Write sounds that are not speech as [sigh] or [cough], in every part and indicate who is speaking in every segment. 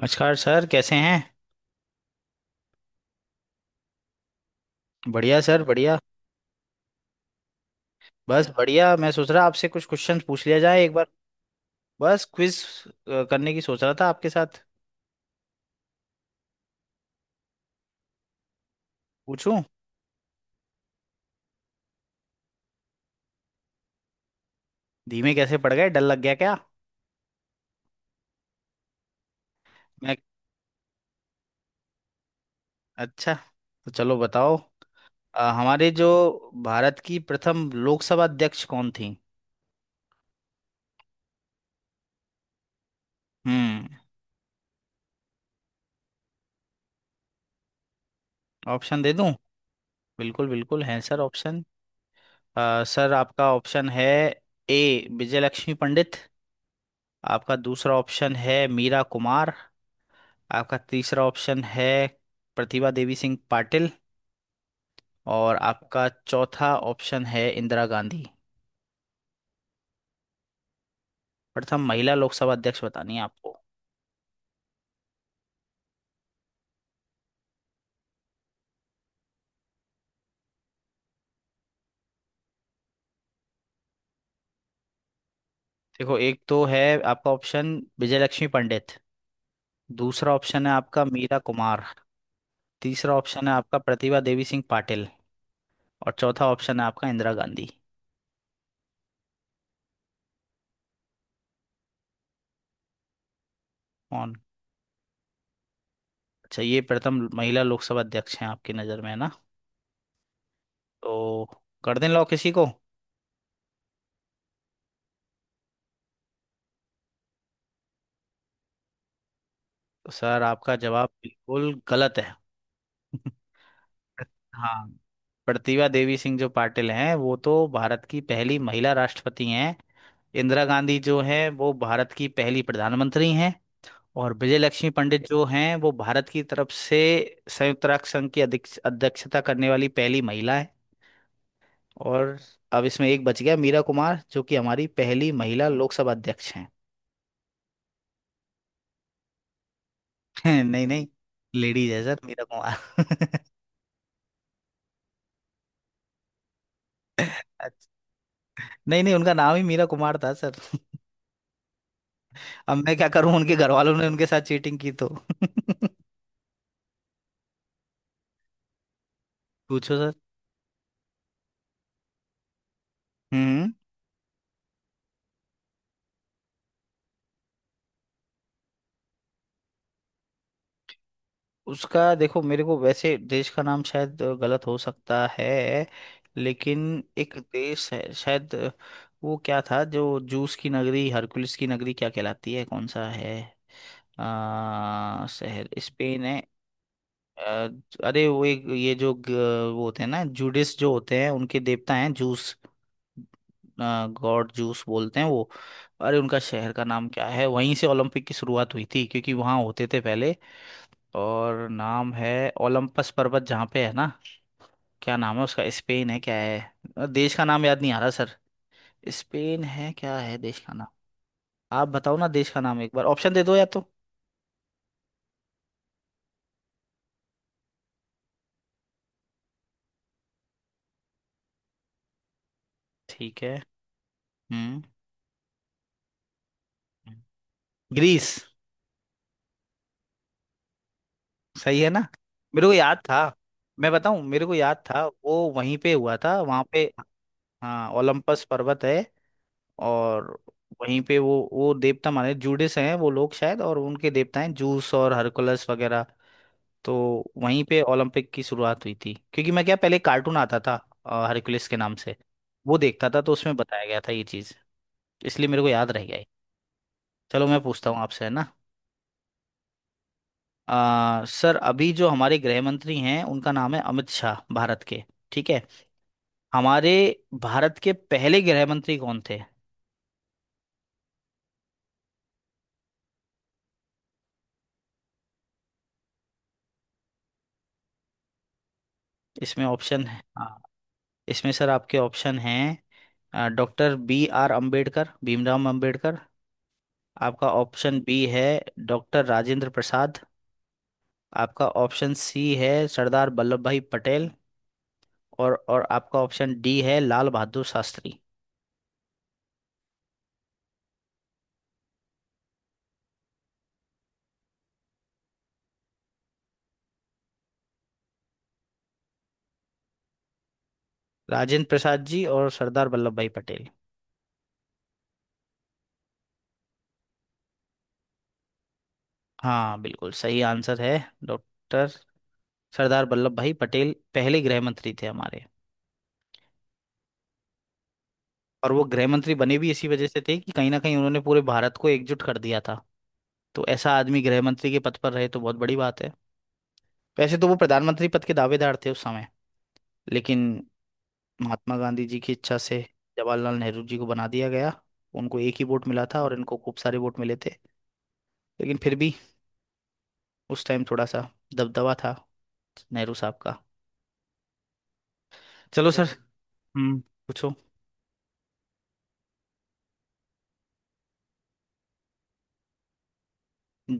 Speaker 1: नमस्कार सर, कैसे हैं। बढ़िया सर, बढ़िया। बस बढ़िया, मैं सोच रहा आपसे कुछ क्वेश्चंस पूछ लिया जाए एक बार। बस क्विज करने की सोच रहा था आपके साथ। पूछूं? धीमे कैसे पड़ गए, डर लग गया क्या। मैं। अच्छा, तो चलो बताओ। हमारे जो भारत की प्रथम लोकसभा अध्यक्ष कौन थी। हम्म। ऑप्शन दे दूं? बिल्कुल बिल्कुल हैं सर ऑप्शन। सर आपका ऑप्शन है ए, विजयलक्ष्मी पंडित। आपका दूसरा ऑप्शन है मीरा कुमार। आपका तीसरा ऑप्शन है प्रतिभा देवी सिंह पाटिल। और आपका चौथा ऑप्शन है इंदिरा गांधी। प्रथम महिला लोकसभा अध्यक्ष बतानी है आपको। देखो, एक तो है आपका ऑप्शन विजयलक्ष्मी पंडित। दूसरा ऑप्शन है आपका मीरा कुमार। तीसरा ऑप्शन है आपका प्रतिभा देवी सिंह पाटिल। और चौथा ऑप्शन है आपका इंदिरा गांधी। कौन? अच्छा, ये प्रथम महिला लोकसभा अध्यक्ष हैं आपकी नज़र में, है ना। तो कर दें लॉ किसी को। तो सर आपका जवाब बिल्कुल गलत है। [laughs] प्र- हाँ, प्रतिभा देवी सिंह जो पाटिल हैं वो तो भारत की पहली महिला राष्ट्रपति हैं। इंदिरा गांधी जो है वो भारत की पहली प्रधानमंत्री हैं। और विजय लक्ष्मी पंडित जो हैं वो भारत की तरफ से संयुक्त राष्ट्र संघ की अध्यक्षता करने वाली पहली महिला है। और अब इसमें एक बच गया, मीरा कुमार, जो कि हमारी पहली महिला लोकसभा अध्यक्ष हैं। [laughs] नहीं नहीं, लेडीज है सर मीरा कुमार। [laughs] अच्छा, नहीं नहीं, उनका नाम ही मीरा कुमार था। अब मैं क्या करूं, उनके घर वालों ने उनके साथ चीटिंग की तो। [laughs] पूछो सर। हम्म। उसका देखो, मेरे को वैसे देश का नाम शायद गलत हो सकता है। लेकिन एक देश है शायद। वो क्या था जो जूस की नगरी, हरकुलिस की नगरी क्या कहलाती है, कौन सा है। शहर, स्पेन है? आ, अरे वो एक ये जो वो होते हैं ना जूडिस जो होते हैं, उनके देवता हैं जूस। गॉड जूस बोलते हैं वो। अरे उनका शहर का नाम क्या है, वहीं से ओलंपिक की शुरुआत हुई थी, क्योंकि वहाँ होते थे पहले। और नाम है ओलंपस पर्वत जहाँ पे है ना। क्या नाम है उसका, स्पेन है क्या है देश का नाम, याद नहीं आ रहा सर। स्पेन है क्या है देश का नाम। आप बताओ ना देश का नाम, एक बार ऑप्शन दे दो या तो। ठीक है। हम्म। ग्रीस। सही है ना। मेरे को याद था। मैं बताऊं, मेरे को याद था, वो वहीं पे हुआ था, वहां पे। हाँ, ओलंपस पर्वत है। और वहीं पे वो देवता माने जूडिस हैं वो लोग शायद, और उनके देवता हैं जूस और हरकुलस वगैरह। तो वहीं पे ओलंपिक की शुरुआत हुई थी, क्योंकि मैं क्या, पहले कार्टून आता था हरकुलस के नाम से। वो देखता था तो उसमें बताया गया था ये चीज़। इसलिए मेरे को याद रह गया ये। चलो, मैं पूछता हूँ आपसे है ना। सर अभी जो हमारे गृह मंत्री हैं उनका नाम है अमित शाह, भारत के। ठीक है। हमारे भारत के पहले गृह मंत्री कौन थे। इसमें ऑप्शन है हाँ। इसमें सर आपके ऑप्शन हैं। Doctor B R Ambedkar, Bhimrao Ambedkar, आपका ऑप्शन बी है। डॉक्टर राजेंद्र प्रसाद, आपका ऑप्शन सी है। सरदार वल्लभ भाई पटेल, और आपका ऑप्शन डी है लाल बहादुर शास्त्री। राजेंद्र प्रसाद जी और सरदार वल्लभ भाई पटेल। हाँ बिल्कुल सही आंसर है। डॉक्टर सरदार वल्लभ भाई पटेल पहले गृह मंत्री थे हमारे। और वो गृह मंत्री बने भी इसी वजह से थे कि कहीं ना कहीं उन्होंने पूरे भारत को एकजुट कर दिया था। तो ऐसा आदमी गृह मंत्री के पद पर रहे तो बहुत बड़ी बात है। वैसे तो वो प्रधानमंत्री पद के दावेदार थे उस समय, लेकिन महात्मा गांधी जी की इच्छा से जवाहरलाल नेहरू जी को बना दिया गया। उनको एक ही वोट मिला था और इनको खूब सारे वोट मिले थे। लेकिन फिर भी उस टाइम थोड़ा सा दबदबा था नेहरू साहब का। चलो सर। बिल्कुल, हम्म। पूछो।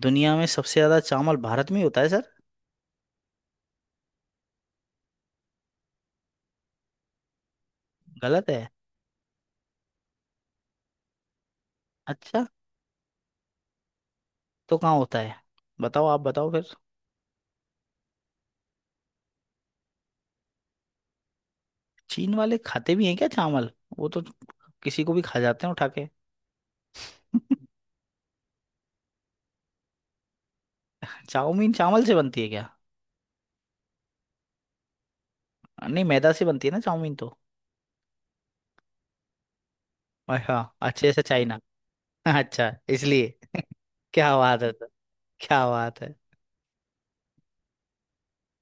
Speaker 1: दुनिया में सबसे ज्यादा चावल भारत में ही होता है सर। गलत है? अच्छा, तो कहाँ होता है, बताओ, आप बताओ फिर। चीन वाले खाते भी हैं क्या चावल, वो तो किसी को भी खा जाते हैं उठा के। [laughs] चाउमीन चावल से बनती है क्या? नहीं मैदा से बनती है ना चाउमीन तो। और हाँ, अच्छे से चाइना। अच्छा इसलिए। क्या बात है सर, क्या बात है।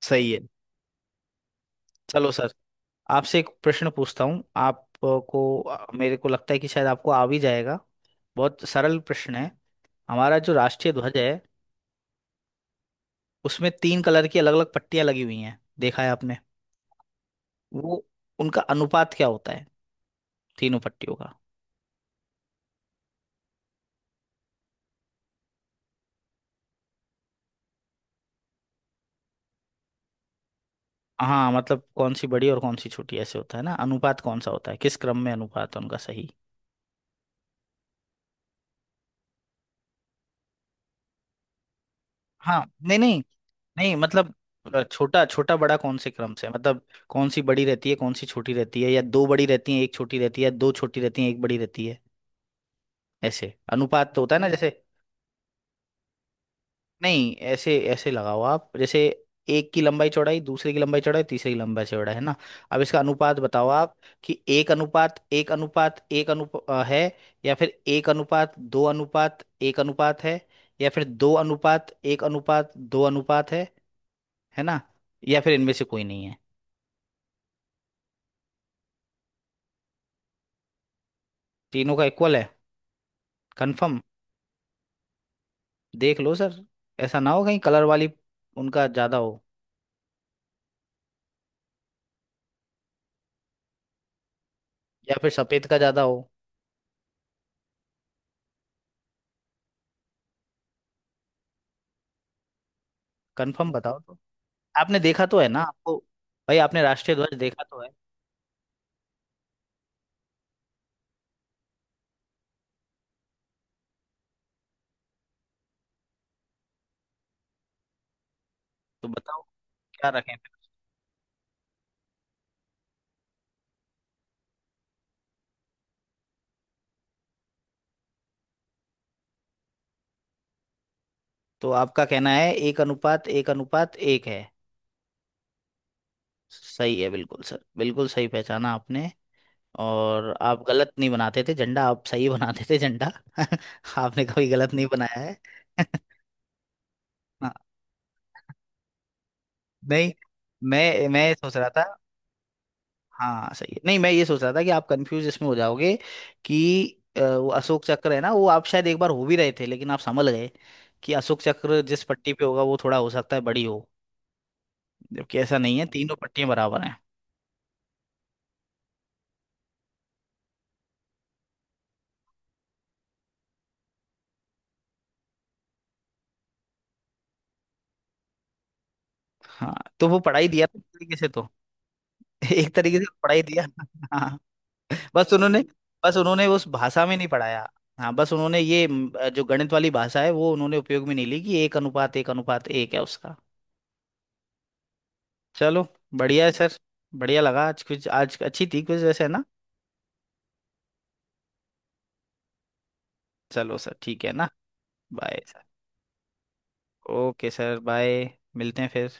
Speaker 1: सही है। चलो सर, आपसे एक प्रश्न पूछता हूँ आपको। मेरे को लगता है कि शायद आपको आ भी जाएगा, बहुत सरल प्रश्न है। हमारा जो राष्ट्रीय ध्वज है, उसमें तीन कलर की अलग अलग पट्टियां लगी हुई हैं, देखा है आपने। वो, उनका अनुपात क्या होता है, तीनों पट्टियों का। हाँ मतलब कौन सी बड़ी और कौन सी छोटी, ऐसे होता है ना अनुपात, कौन सा होता है, किस क्रम में अनुपात है उनका सही। हाँ नहीं नहीं, नहीं मतलब छोटा छोटा बड़ा कौन से क्रम से, मतलब कौन सी बड़ी रहती है कौन सी छोटी रहती है, या दो बड़ी रहती है एक छोटी रहती है, दो छोटी रहती है एक बड़ी रहती है, ऐसे अनुपात तो होता है ना जैसे। नहीं ऐसे ऐसे लगाओ आप, जैसे एक की लंबाई चौड़ाई, दूसरे की लंबाई चौड़ाई, तीसरे की लंबाई चौड़ाई, है ना, अब इसका अनुपात बताओ आप। कि एक अनुपात एक अनुपात एक अनुप अ, है, या फिर एक अनुपात दो अनुपात एक अनुपात है, या फिर दो अनुपात एक अनुपात दो अनुपात है ना, या फिर इनमें से कोई नहीं है। तीनों का इक्वल है? कंफर्म? देख लो सर, ऐसा ना हो कहीं कलर वाली उनका ज्यादा हो, या फिर सफेद का ज्यादा हो। कंफर्म बताओ तो। आपने देखा तो है ना आपको, भाई आपने राष्ट्रीय ध्वज देखा तो है। तो बताओ, क्या रखें फिर? तो आपका कहना है एक अनुपात एक अनुपात एक है। सही है, बिल्कुल सर, बिल्कुल सही पहचाना आपने। और आप गलत नहीं बनाते थे झंडा, आप सही बनाते थे झंडा। [laughs] आपने कभी गलत नहीं बनाया है। [laughs] हाँ, नहीं मैं सोच रहा था। हाँ सही है, नहीं मैं ये सोच रहा था कि आप कंफ्यूज इसमें हो जाओगे, कि वो अशोक चक्र है ना, वो आप शायद एक बार हो भी रहे थे, लेकिन आप समझ गए कि अशोक चक्र जिस पट्टी पे होगा वो थोड़ा हो सकता है बड़ी हो, जबकि ऐसा नहीं है, तीनों पट्टियां बराबर हैं। हाँ तो वो पढ़ाई दिया था एक तरीके से तो। [laughs] एक तरीके से पढ़ाई दिया। [laughs] हाँ, बस उन्होंने बस उन्होंने उस भाषा में नहीं पढ़ाया। हाँ बस उन्होंने ये जो गणित वाली भाषा है वो उन्होंने उपयोग में नहीं ली, कि एक अनुपात एक अनुपात एक है उसका। चलो, बढ़िया है सर। बढ़िया लगा आज, कुछ आज अच्छी थी कुछ वैसे, है ना। चलो सर, ठीक है ना। Bye sir. Okay sir, bye. मिलते हैं फिर।